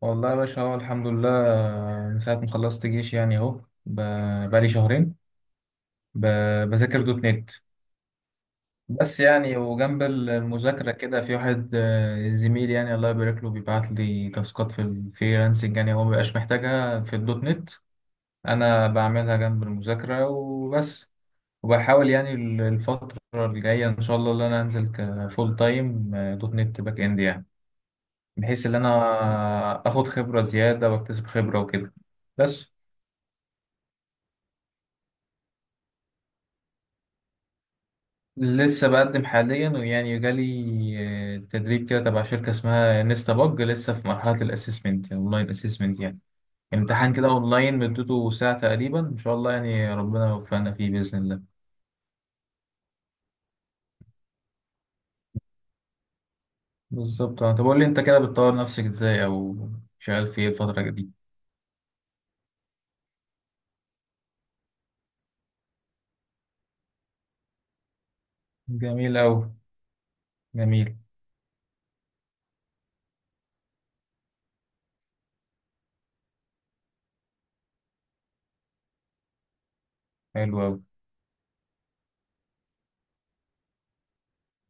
والله يا باشا، هو الحمد لله. من ساعة ما خلصت جيش يعني أهو، بقالي شهرين بذاكر دوت نت. بس يعني وجنب المذاكرة كده في واحد زميل يعني الله يبارك له بيبعت لي تاسكات في الفريلانسنج، يعني هو مبيبقاش محتاجها في الدوت نت. أنا بعملها جنب المذاكرة وبس. وبحاول يعني الفترة الجاية إن شاء الله إن أنا أنزل كفول تايم دوت نت باك إند يعني. بحيث إن أنا آخد خبرة زيادة وأكتسب خبرة وكده. بس. لسه بقدم حاليا، ويعني جالي تدريب كده تبع شركة اسمها نيستا بج. لسه في مرحلة الاسسمنت، اونلاين اسسمنت يعني. امتحان كده اونلاين مدته ساعة تقريبا، ان شاء الله يعني ربنا يوفقنا فيه بإذن الله. بالظبط. طب قول لي انت كده بتطور نفسك ازاي، او شغال في ايه الفترة دي؟ جميل أوي. جميل. حلو أوي.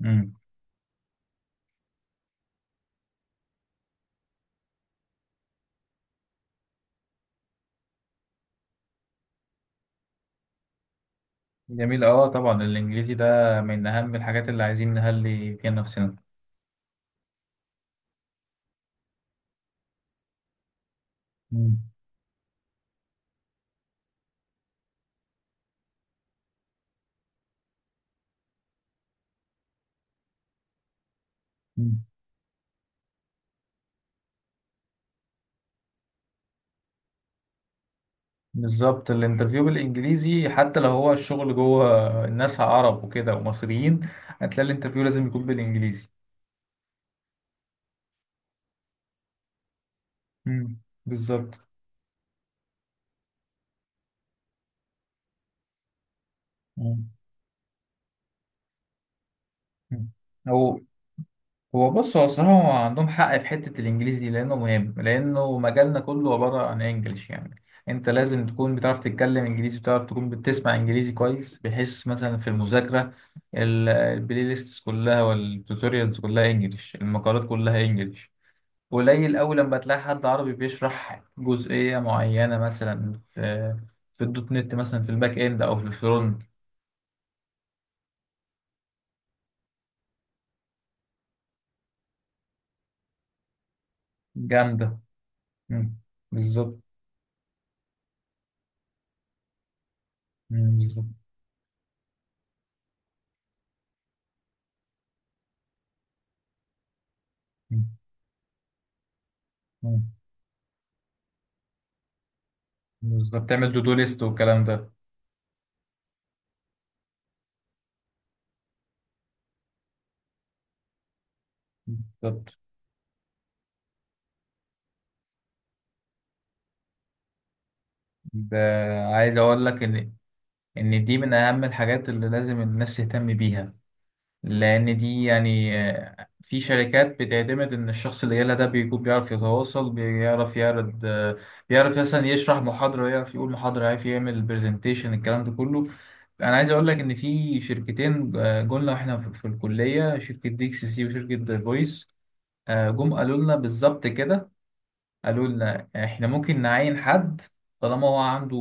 امم. جميل. اه، طبعا الانجليزي ده من اهم الحاجات اللي عايزين نهلي فيها نفسنا. مم. بالظبط. الانترفيو بالانجليزي حتى لو هو الشغل جوه الناس عرب وكده ومصريين، هتلاقي الانترفيو لازم يكون بالانجليزي. بالظبط. مم. مم. هو هو بص، هو الصراحه هو عندهم حق في حته الانجليزي دي، لانه مهم، لانه مجالنا كله عباره عن انجلش يعني. انت لازم تكون بتعرف تتكلم انجليزي، بتعرف تكون بتسمع انجليزي كويس، بحيث مثلا في المذاكره البلاي ليست كلها والتوتوريالز كلها انجلش، المقالات كلها انجلش. قليل أوي لما تلاقي حد عربي بيشرح جزئية معينة مثلا في الدوت نت، مثلا في الباك إند أو في الفرونت. جامدة. مم. بالظبط. مم. بالظبط. مم. مم. بالظبط. تعمل دو دو ليست والكلام ده. بالظبط. ده عايز أقول لك إن دي من أهم الحاجات اللي لازم الناس تهتم بيها. لأن دي يعني في شركات بتعتمد إن الشخص اللي جالها ده بيكون بيعرف يتواصل، بيعرف يعرض، بيعرف مثلا يشرح محاضرة، يعرف يقول محاضرة، يعرف يعمل برزنتيشن، الكلام ده كله. أنا عايز أقول لك إن في شركتين، جولنا إحنا في الكلية، شركة دي إكس سي وشركة فويس. جم قالوا لنا بالظبط كده. قالوا لنا احنا ممكن نعين حد طالما هو عنده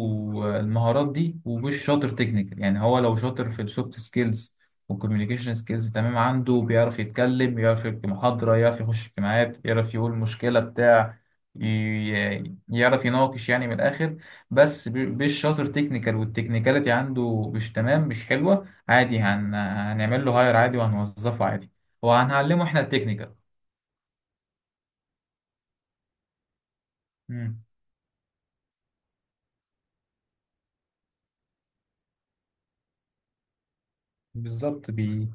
المهارات دي ومش شاطر تكنيكال. يعني هو لو شاطر في السوفت سكيلز والكوميونيكيشن سكيلز تمام عنده، بيعرف يتكلم، يعرف يلقي محاضرة، يعرف يخش اجتماعات، يعرف يقول مشكلة بتاع، يعرف يناقش، يعني من الآخر. بس مش شاطر تكنيكال، والتكنيكاليتي عنده مش تمام، مش حلوة، عادي هنعمل له هاير عادي، وهنوظفه عادي، وهنعلمه احنا التكنيكال. مم. بالظبط.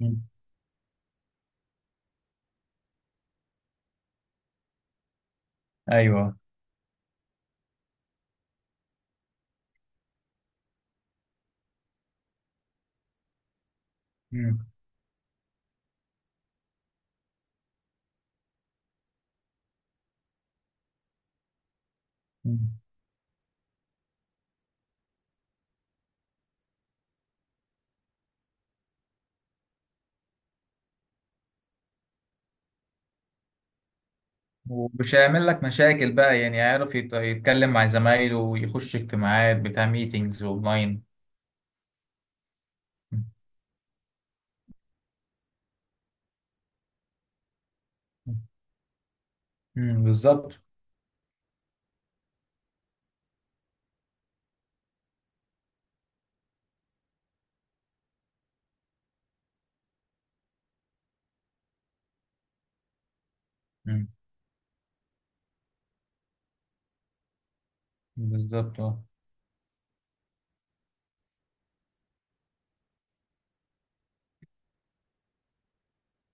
مم. ايوه. مم. مم. ومش هيعمل لك مشاكل بقى، يعني هيعرف يتكلم مع زمايله، ويخش اجتماعات، بتاع ميتينجز اونلاين. مم. مم. بالظبط. مم. بالظبط اه.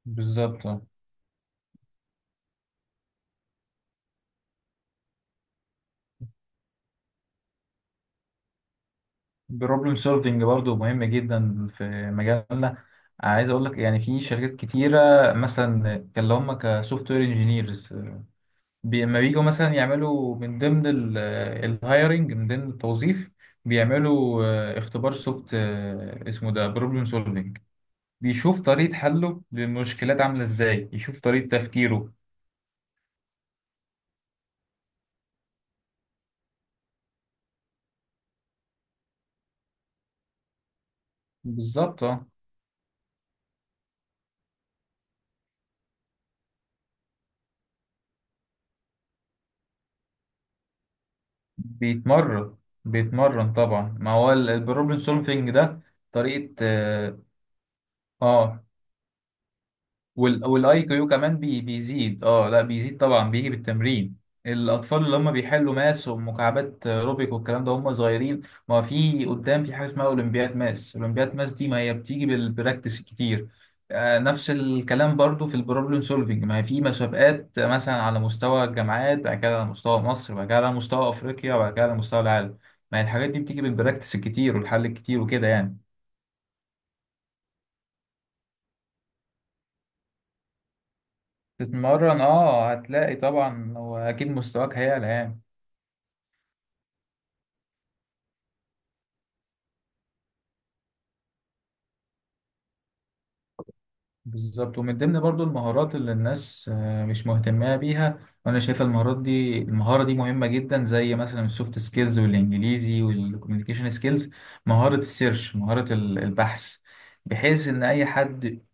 بالظبط اه، البروبلم سولفنج برضه مهم جدا في مجالنا. عايز اقول لك يعني في شركات كتيره، مثلا كان اللي هم كسوفت وير انجينيرز لما بييجوا مثلا يعملوا من ضمن الهايرنج، من ضمن التوظيف، بيعملوا اختبار سوفت، اسمه ده بروبلم سولفنج. بيشوف طريقة حله للمشكلات عاملة ازاي، يشوف طريقة تفكيره. بالظبط اه، بيتمرن. بيتمرن طبعا، ما هو البروبلم سولفينج ده طريقة اه آه. والاي كيو كمان بيزيد. اه لا، بيزيد طبعا، بيجي بالتمرين. الاطفال اللي هم بيحلوا ماس ومكعبات روبيك والكلام ده هم صغيرين. ما في قدام في حاجه اسمها اولمبياد ماس، اولمبياد ماس دي ما هي بتيجي بالبراكتس كتير. نفس الكلام برضو في البروبلم سولفينج، ما هي في مسابقات مثلا على مستوى الجامعات، بعد كده على مستوى مصر، بعد كده على مستوى افريقيا، وبعد كده على مستوى العالم. ما هي الحاجات دي بتيجي بالبراكتس الكتير والحل الكتير وكده يعني. تتمرن اه، هتلاقي طبعا، واكيد مستواك هيعلى يعني. بالظبط. ومن ضمن برضو المهارات اللي الناس مش مهتمة بيها، وانا شايف المهارات دي، المهارة دي مهمة جدا، زي مثلا السوفت سكيلز والانجليزي والكوميونيكيشن سكيلز، مهارة السيرش، مهارة البحث. بحيث ان اي حد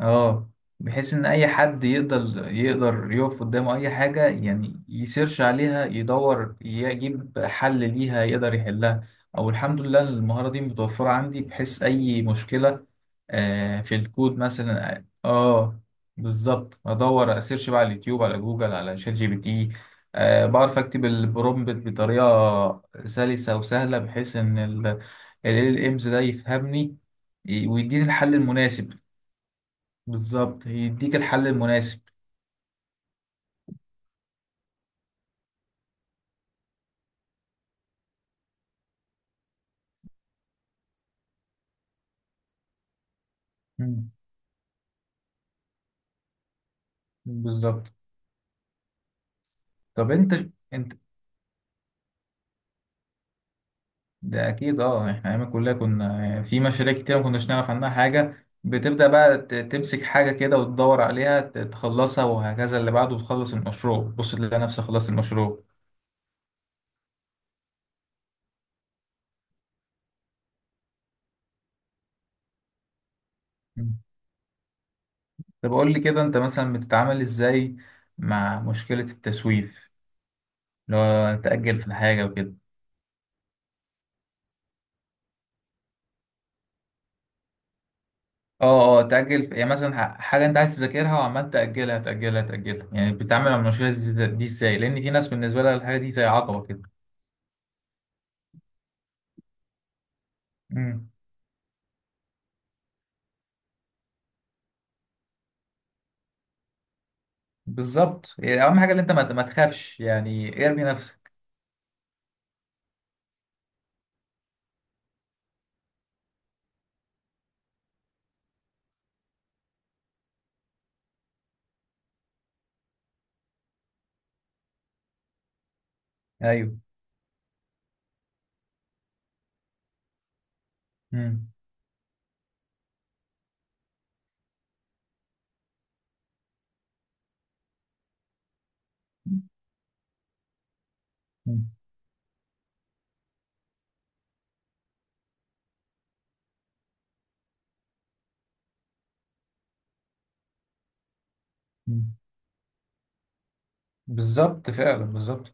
اه بحيث ان اي حد يقدر، يقف قدامه اي حاجه يعني يسيرش عليها، يدور، يجيب حل ليها، يقدر يحلها. او الحمد لله المهاره دي متوفره عندي، بحيث اي مشكله في الكود مثلا بالظبط، ادور، اسيرش بقى على اليوتيوب، على جوجل، على شات جي بي تي. بعرف اكتب البرومبت بطريقه سلسه وسهله، بحيث ان ال امز ده يفهمني ويديني الحل المناسب. بالظبط يديك الحل المناسب. مم. بالظبط. طب انت، انت ده اكيد اه. احنا ايام الكليه كنا في مشاريع كتير ما كناش نعرف عنها حاجه، بتبدا بقى تمسك حاجه كده وتدور عليها تخلصها وهكذا، اللي بعده تخلص المشروع، بص تلاقي نفسك خلصت المشروع. مم. طب قول لي كده انت مثلا بتتعامل ازاي مع مشكله التسويف، اللي هو تاجل في الحاجه وكده. اه، اه، تأجل يعني مثلا حاجة أنت عايز تذاكرها وعمال تأجلها، تأجلها، تأجلها، يعني بتتعامل مع المشكلة دي إزاي؟ لأن في ناس بالنسبة لها الحاجة دي زي عقبة كده. امم بالظبط. يعني أهم حاجة إن أنت ما تخافش، يعني ارمي نفسك. أيوه. امم بالظبط فعلا بالظبط.